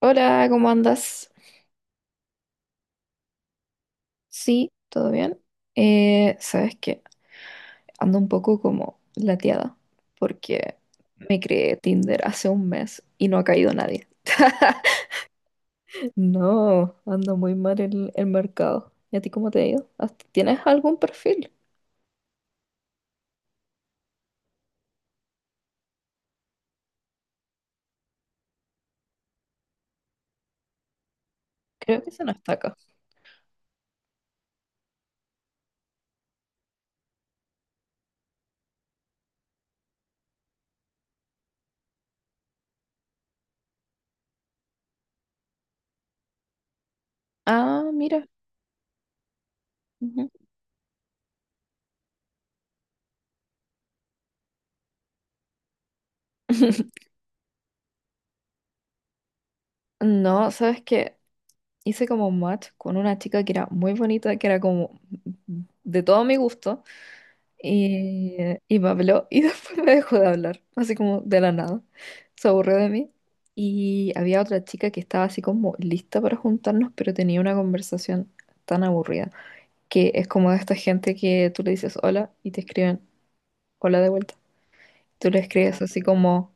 Hola, ¿cómo andas? Sí, ¿todo bien? Sabes que ando un poco como lateada porque me creé Tinder hace un mes y no ha caído nadie. No, anda muy mal el mercado. ¿Y a ti cómo te ha ido? ¿Tienes algún perfil? Creo que se nos está acá. Ah, mira. Ujú. No, sabes que hice como match con una chica que era muy bonita, que era como de todo mi gusto. Y, y me habló y después me dejó de hablar, así como de la nada. Se aburrió de mí. Y había otra chica que estaba así como lista para juntarnos, pero tenía una conversación tan aburrida, que es como de esta gente que tú le dices hola y te escriben hola de vuelta. Tú le escribes así como,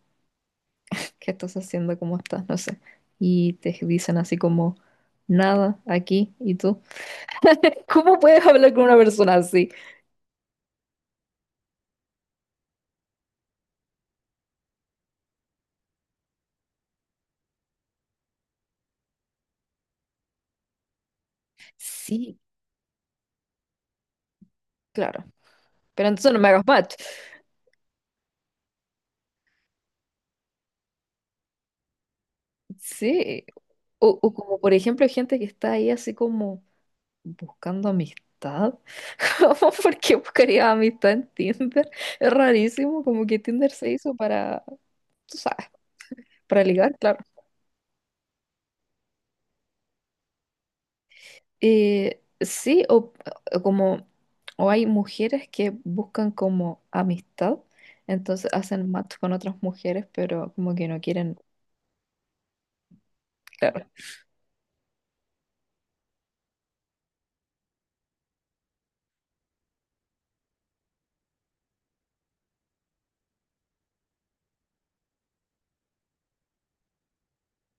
¿qué estás haciendo? ¿Cómo estás? No sé. Y te dicen así como, nada, aquí, ¿y tú? ¿Cómo puedes hablar con una persona así? Sí, claro. Pero entonces no me hagas match. Sí, o como por ejemplo gente que está ahí así como buscando amistad. ¿Cómo? ¿Por qué buscaría amistad en Tinder? Es rarísimo, como que Tinder se hizo para, tú sabes, para ligar, claro. Sí, o como, o hay mujeres que buscan como amistad, entonces hacen match con otras mujeres, pero como que no quieren, claro,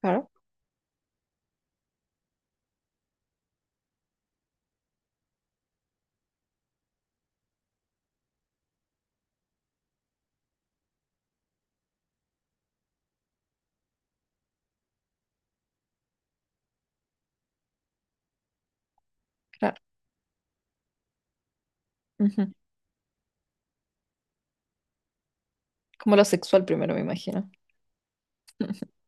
claro, claro. Ujú. Como lo sexual primero, me imagino.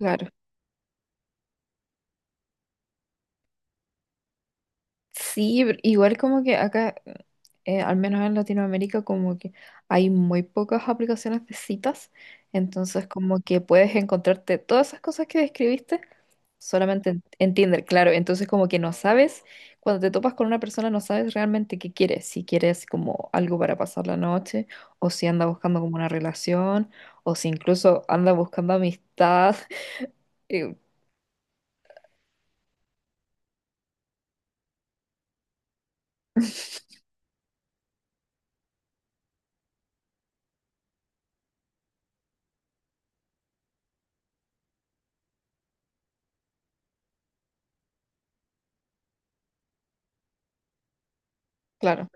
Claro. Sí, pero igual como que acá, al menos en Latinoamérica, como que hay muy pocas aplicaciones de citas, entonces como que puedes encontrarte todas esas cosas que describiste solamente en Tinder, claro, entonces como que no sabes, cuando te topas con una persona no sabes realmente qué quieres, si quieres como algo para pasar la noche, o si anda buscando como una relación, o si incluso anda buscando amistad, eh, claro.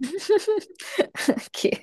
¿Qué?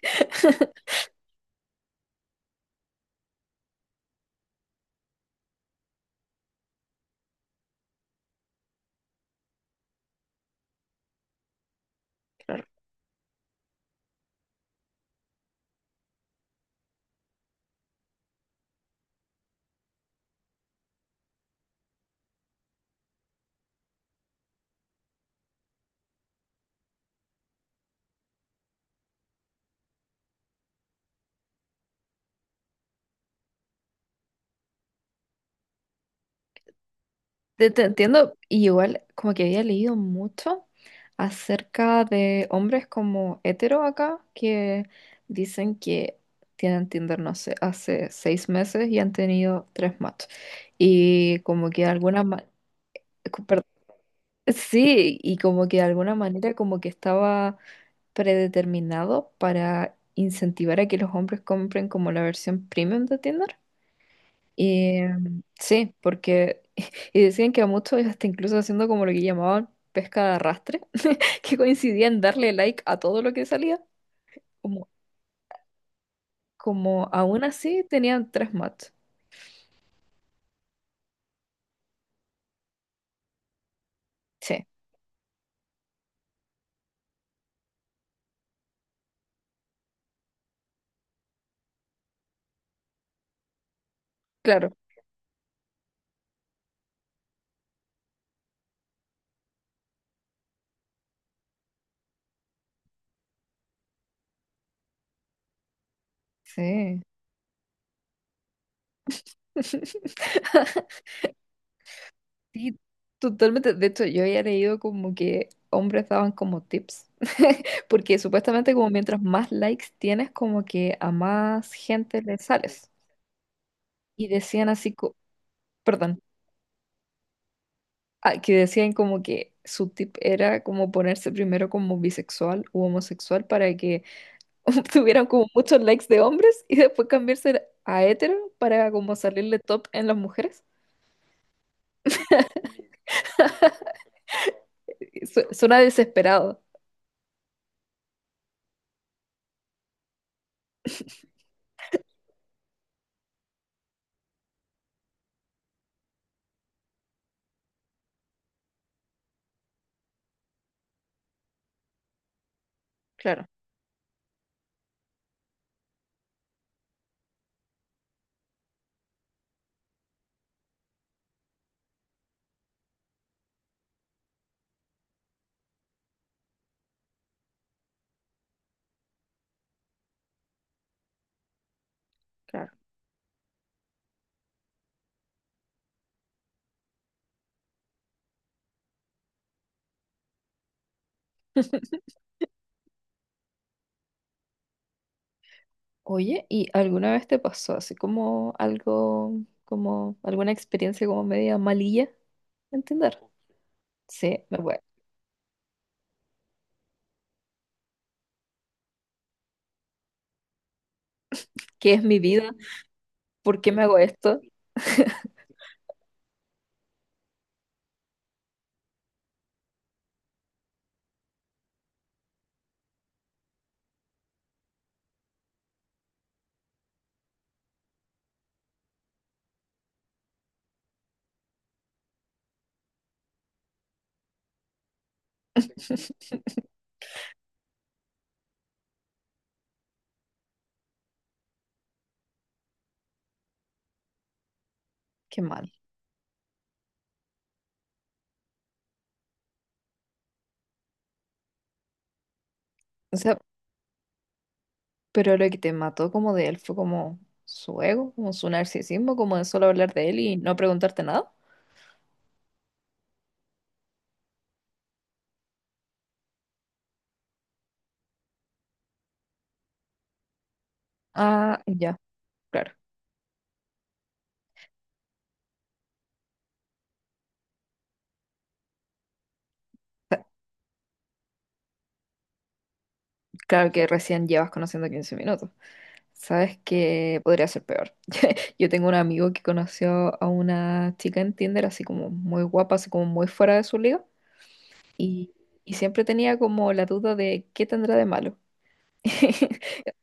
Te entiendo, y igual como que había leído mucho acerca de hombres como hetero acá que dicen que tienen Tinder, no sé, hace 6 meses y han tenido 3 matches. Y como que de alguna ma- sí, y como que de alguna manera como que estaba predeterminado para incentivar a que los hombres compren como la versión premium de Tinder. Y sí, porque y decían que a muchos hasta incluso haciendo como lo que llamaban pesca de arrastre, que coincidían darle like a todo lo que salía, como, como aún así tenían 3 match. Sí, claro. Sí. Sí, totalmente. De hecho, yo había leído como que hombres daban como tips, porque supuestamente como mientras más likes tienes, como que a más gente le sales. Y decían así, perdón. Ah, que decían como que su tip era como ponerse primero como bisexual u homosexual para que tuvieran como muchos likes de hombres y después cambiarse a hetero para como salirle top en las mujeres. Suena desesperado. Claro, claro. Oye, ¿y alguna vez te pasó así como algo, como alguna experiencia como media malilla? ¿Entender? Sí, me voy. ¿Qué es mi vida? ¿Por qué me hago esto? Qué mal. O sea, pero lo que te mató como de él fue como su ego, como su narcisismo, como de solo hablar de él y no preguntarte nada. Ah, ya, claro. Sa- Claro que recién llevas conociendo 15 minutos. Sabes que podría ser peor. Yo tengo un amigo que conoció a una chica en Tinder así como muy guapa, así como muy fuera de su liga. Y, y siempre tenía como la duda de qué tendrá de malo.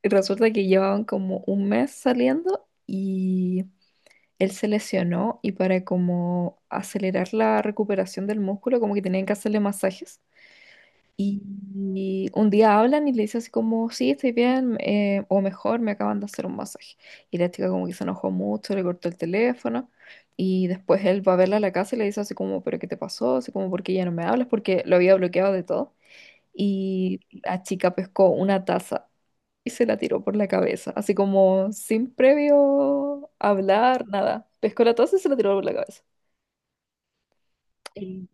Y resulta que llevaban como un mes saliendo y él se lesionó y para como acelerar la recuperación del músculo, como que tenían que hacerle masajes. Y, y un día hablan y le dice así como, sí, estoy bien, o mejor, me acaban de hacer un masaje. Y la chica como que se enojó mucho, le cortó el teléfono. Y después él va a verla a la casa y le dice así como, pero ¿qué te pasó? Así como, ¿por qué ya no me hablas? Porque lo había bloqueado de todo. Y la chica pescó una taza y se la tiró por la cabeza, así como sin previo hablar, nada. Pescó la taza y se la tiró por la cabeza. Sí.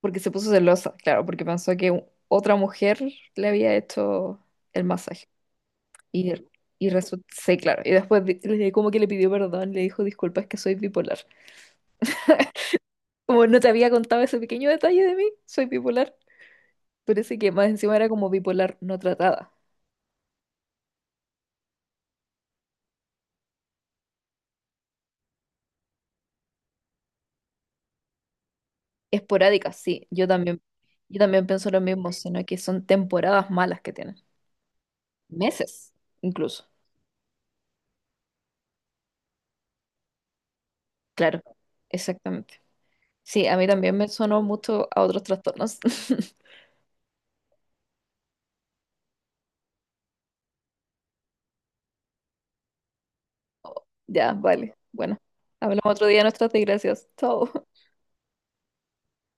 Porque se puso celosa, claro, porque pensó que otra mujer le había hecho el masaje. Y, y resulta, sí, claro. Y después como que le pidió perdón, le dijo, disculpa, es que soy bipolar. Como no te había contado ese pequeño detalle de mí, soy bipolar. Parece que más encima era como bipolar no tratada. Esporádica, sí. Yo también pienso lo mismo, sino que son temporadas malas que tienen. Meses incluso. Claro, exactamente. Sí, a mí también me sonó mucho a otros trastornos. Ya, vale. Bueno, hablamos otro día de nuestras desgracias. Chao.